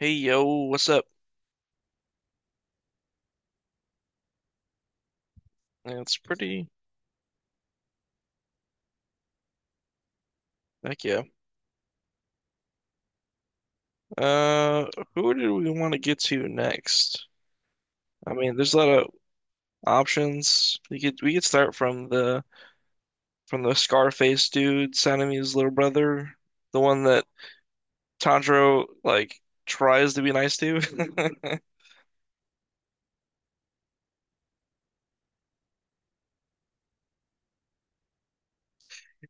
Hey yo, what's up? It's pretty, heck yeah. Uh, who do we want to get to next? I mean, there's a lot of options. We could start from the Scarface dude, Sanemi's little brother, the one that Tanjiro like tries to be nice to.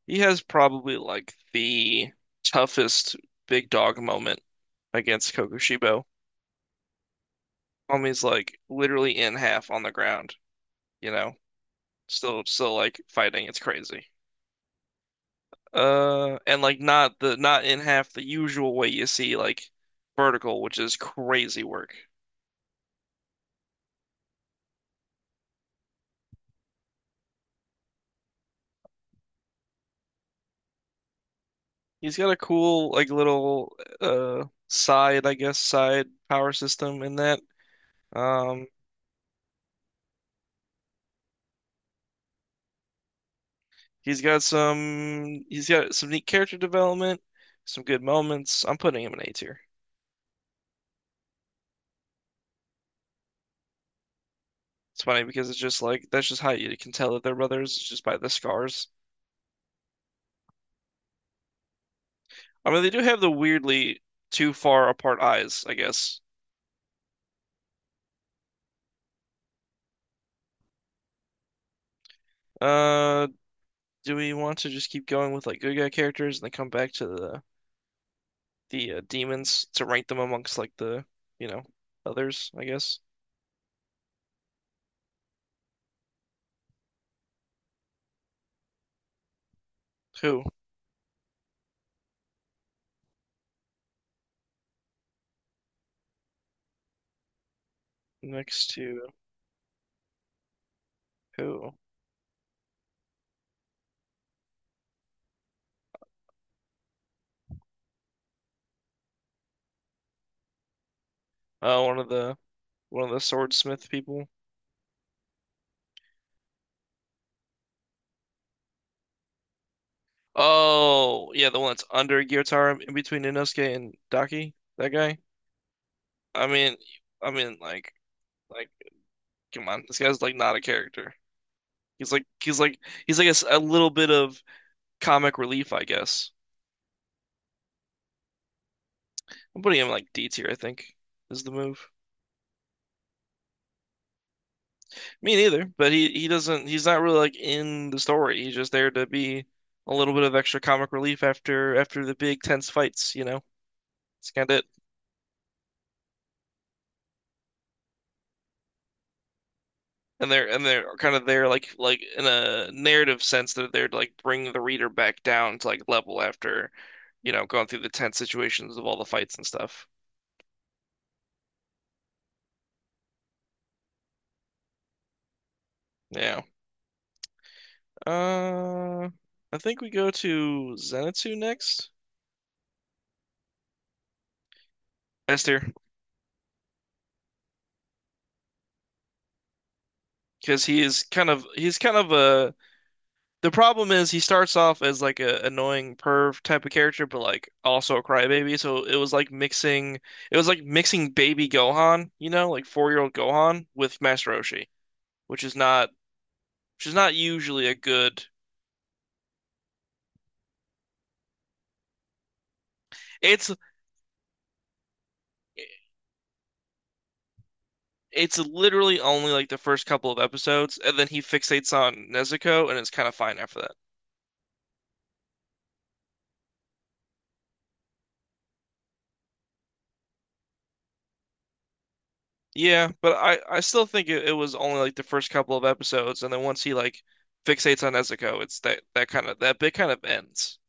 He has probably like the toughest big dog moment against Kokushibo. Homie's like literally in half on the ground, you know, still like fighting. It's crazy. And like not the not in half the usual way you see like vertical, which is crazy work. He's got a cool like little side, I guess, side power system in that. Um, he's got some neat character development, some good moments. I'm putting him in A tier. It's funny because it's just like that's just how you can tell that they're brothers, it's just by the scars. I mean, they do have the weirdly too far apart eyes, I guess. Uh, do we want to just keep going with like good guy characters and then come back to the demons to rank them amongst like the you know others, I guess. Who next to who? Oh, one of the swordsmith people. Oh, yeah, the one that's under Gyotaro in between Inosuke and Daki. That guy. I mean, I mean, like, come on, this guy's like not a character. He's like, he's like a, s- a little bit of comic relief, I guess. I'm putting him like D tier, I think, is the move. Me neither, but he doesn't he's not really like in the story. He's just there to be a little bit of extra comic relief after the big tense fights, you know. It's kind of it. And they're kind of there like in a narrative sense they're there to like bring the reader back down to like level after, you know, going through the tense situations of all the fights and stuff. Yeah. Uh I think we go to Zenitsu next. Esther, because he's kind of a The problem is he starts off as like a annoying perv type of character, but like also a crybaby. So it was like mixing baby Gohan, you know, like 4 year old Gohan with Master Roshi, which is not, which is not usually a good. It's, it's literally only like the first couple of episodes, and then he fixates on Nezuko, and it's kind of fine after that. Yeah, but I still think it was only like the first couple of episodes, and then once he like fixates on Nezuko, it's that bit kind of ends.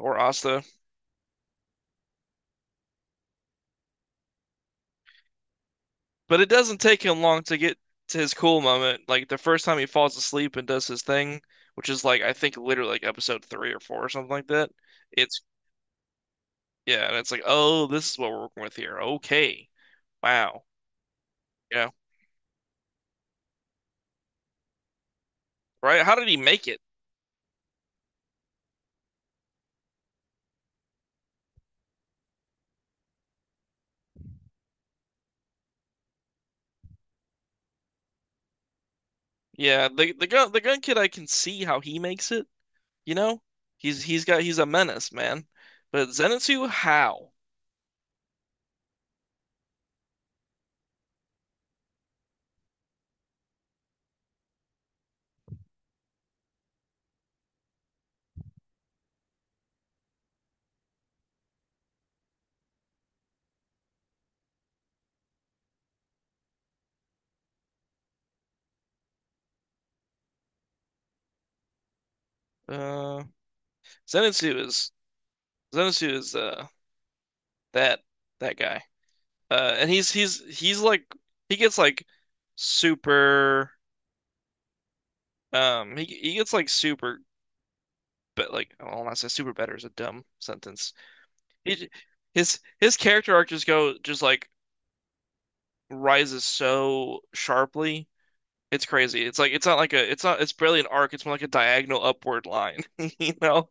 Or Asta. But it doesn't take him long to get to his cool moment. Like the first time he falls asleep and does his thing, which is like I think literally like episode three or four or something like that. It's yeah, and it's like, oh, this is what we're working with here. Okay. Wow. Yeah. Right? How did he make it? Yeah, the gun kid, I can see how he makes it, you know? He's a menace, man. But Zenitsu, how? Uh Zenitsu is Zenitsu is that that guy. And he's like he gets like super he gets like super, but like I don't want to say super better is a dumb sentence. He his character arc just go just like rises so sharply. It's crazy. It's like it's not like a it's not it's barely an arc. It's more like a diagonal upward line. You know?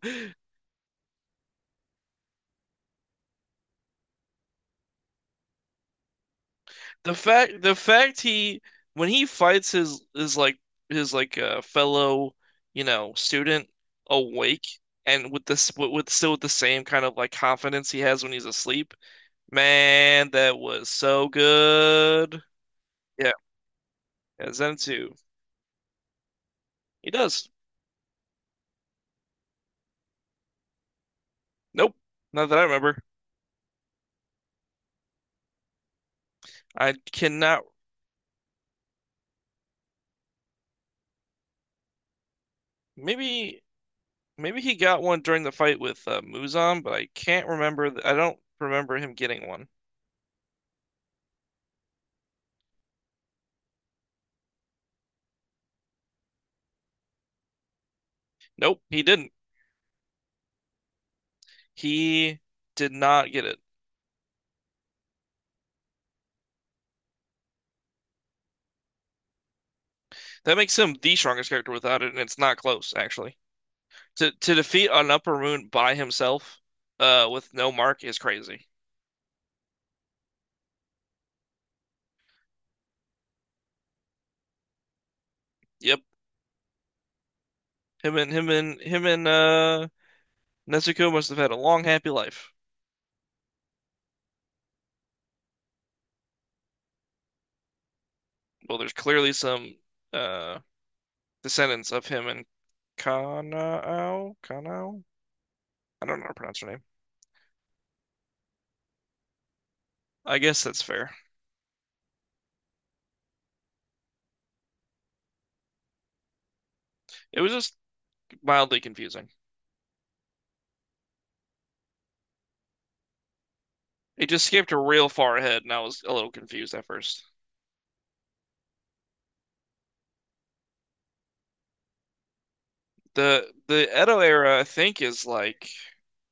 The fact he when he fights his like his like fellow, you know, student awake and with still with the same kind of like confidence he has when he's asleep, man that was so good. Yeah, yeah, Zen 2, he does. Nope, not that I remember. I cannot maybe, maybe he got one during the fight with Muzan, but I can't remember I don't remember him getting one. Nope, he didn't, he did not get it. That makes him the strongest character without it, and it's not close, actually. To defeat an Upper Moon by himself, with no mark is crazy. Yep. Him and Nezuko must have had a long, happy life. Well, there's clearly some uh descendants of him and Kanao, Kanao? I don't know how to pronounce her name. I guess that's fair. It was just mildly confusing. It just skipped real far ahead, and I was a little confused at first. The Edo era, I think, is like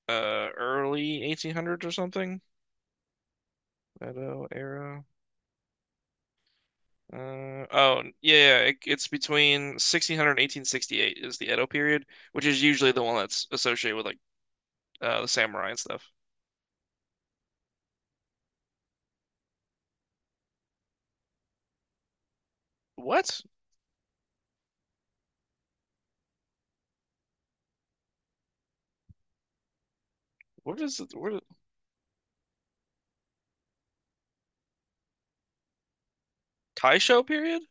early 1800s or something. Edo era. Uh oh yeah, yeah, it's between 1600 and 1868 is the Edo period, which is usually the one that's associated with like the samurai and stuff. What? What is it? What Taisho period?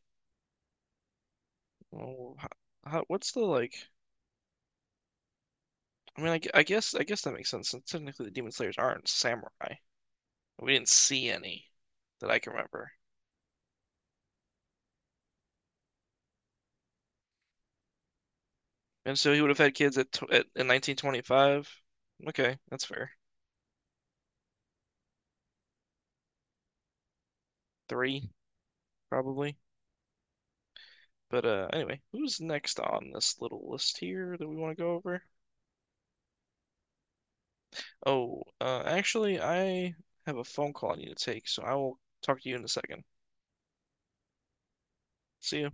Oh, how, what's the like? I mean, I guess that makes sense. Since technically, the Demon Slayers aren't samurai. We didn't see any that I can remember, and so he would have had kids at, tw at in 1925. Okay, that's fair. Three probably. But anyway, who's next on this little list here that we want to go over? Oh, actually, I have a phone call I need to take, so I will talk to you in a second. See ya.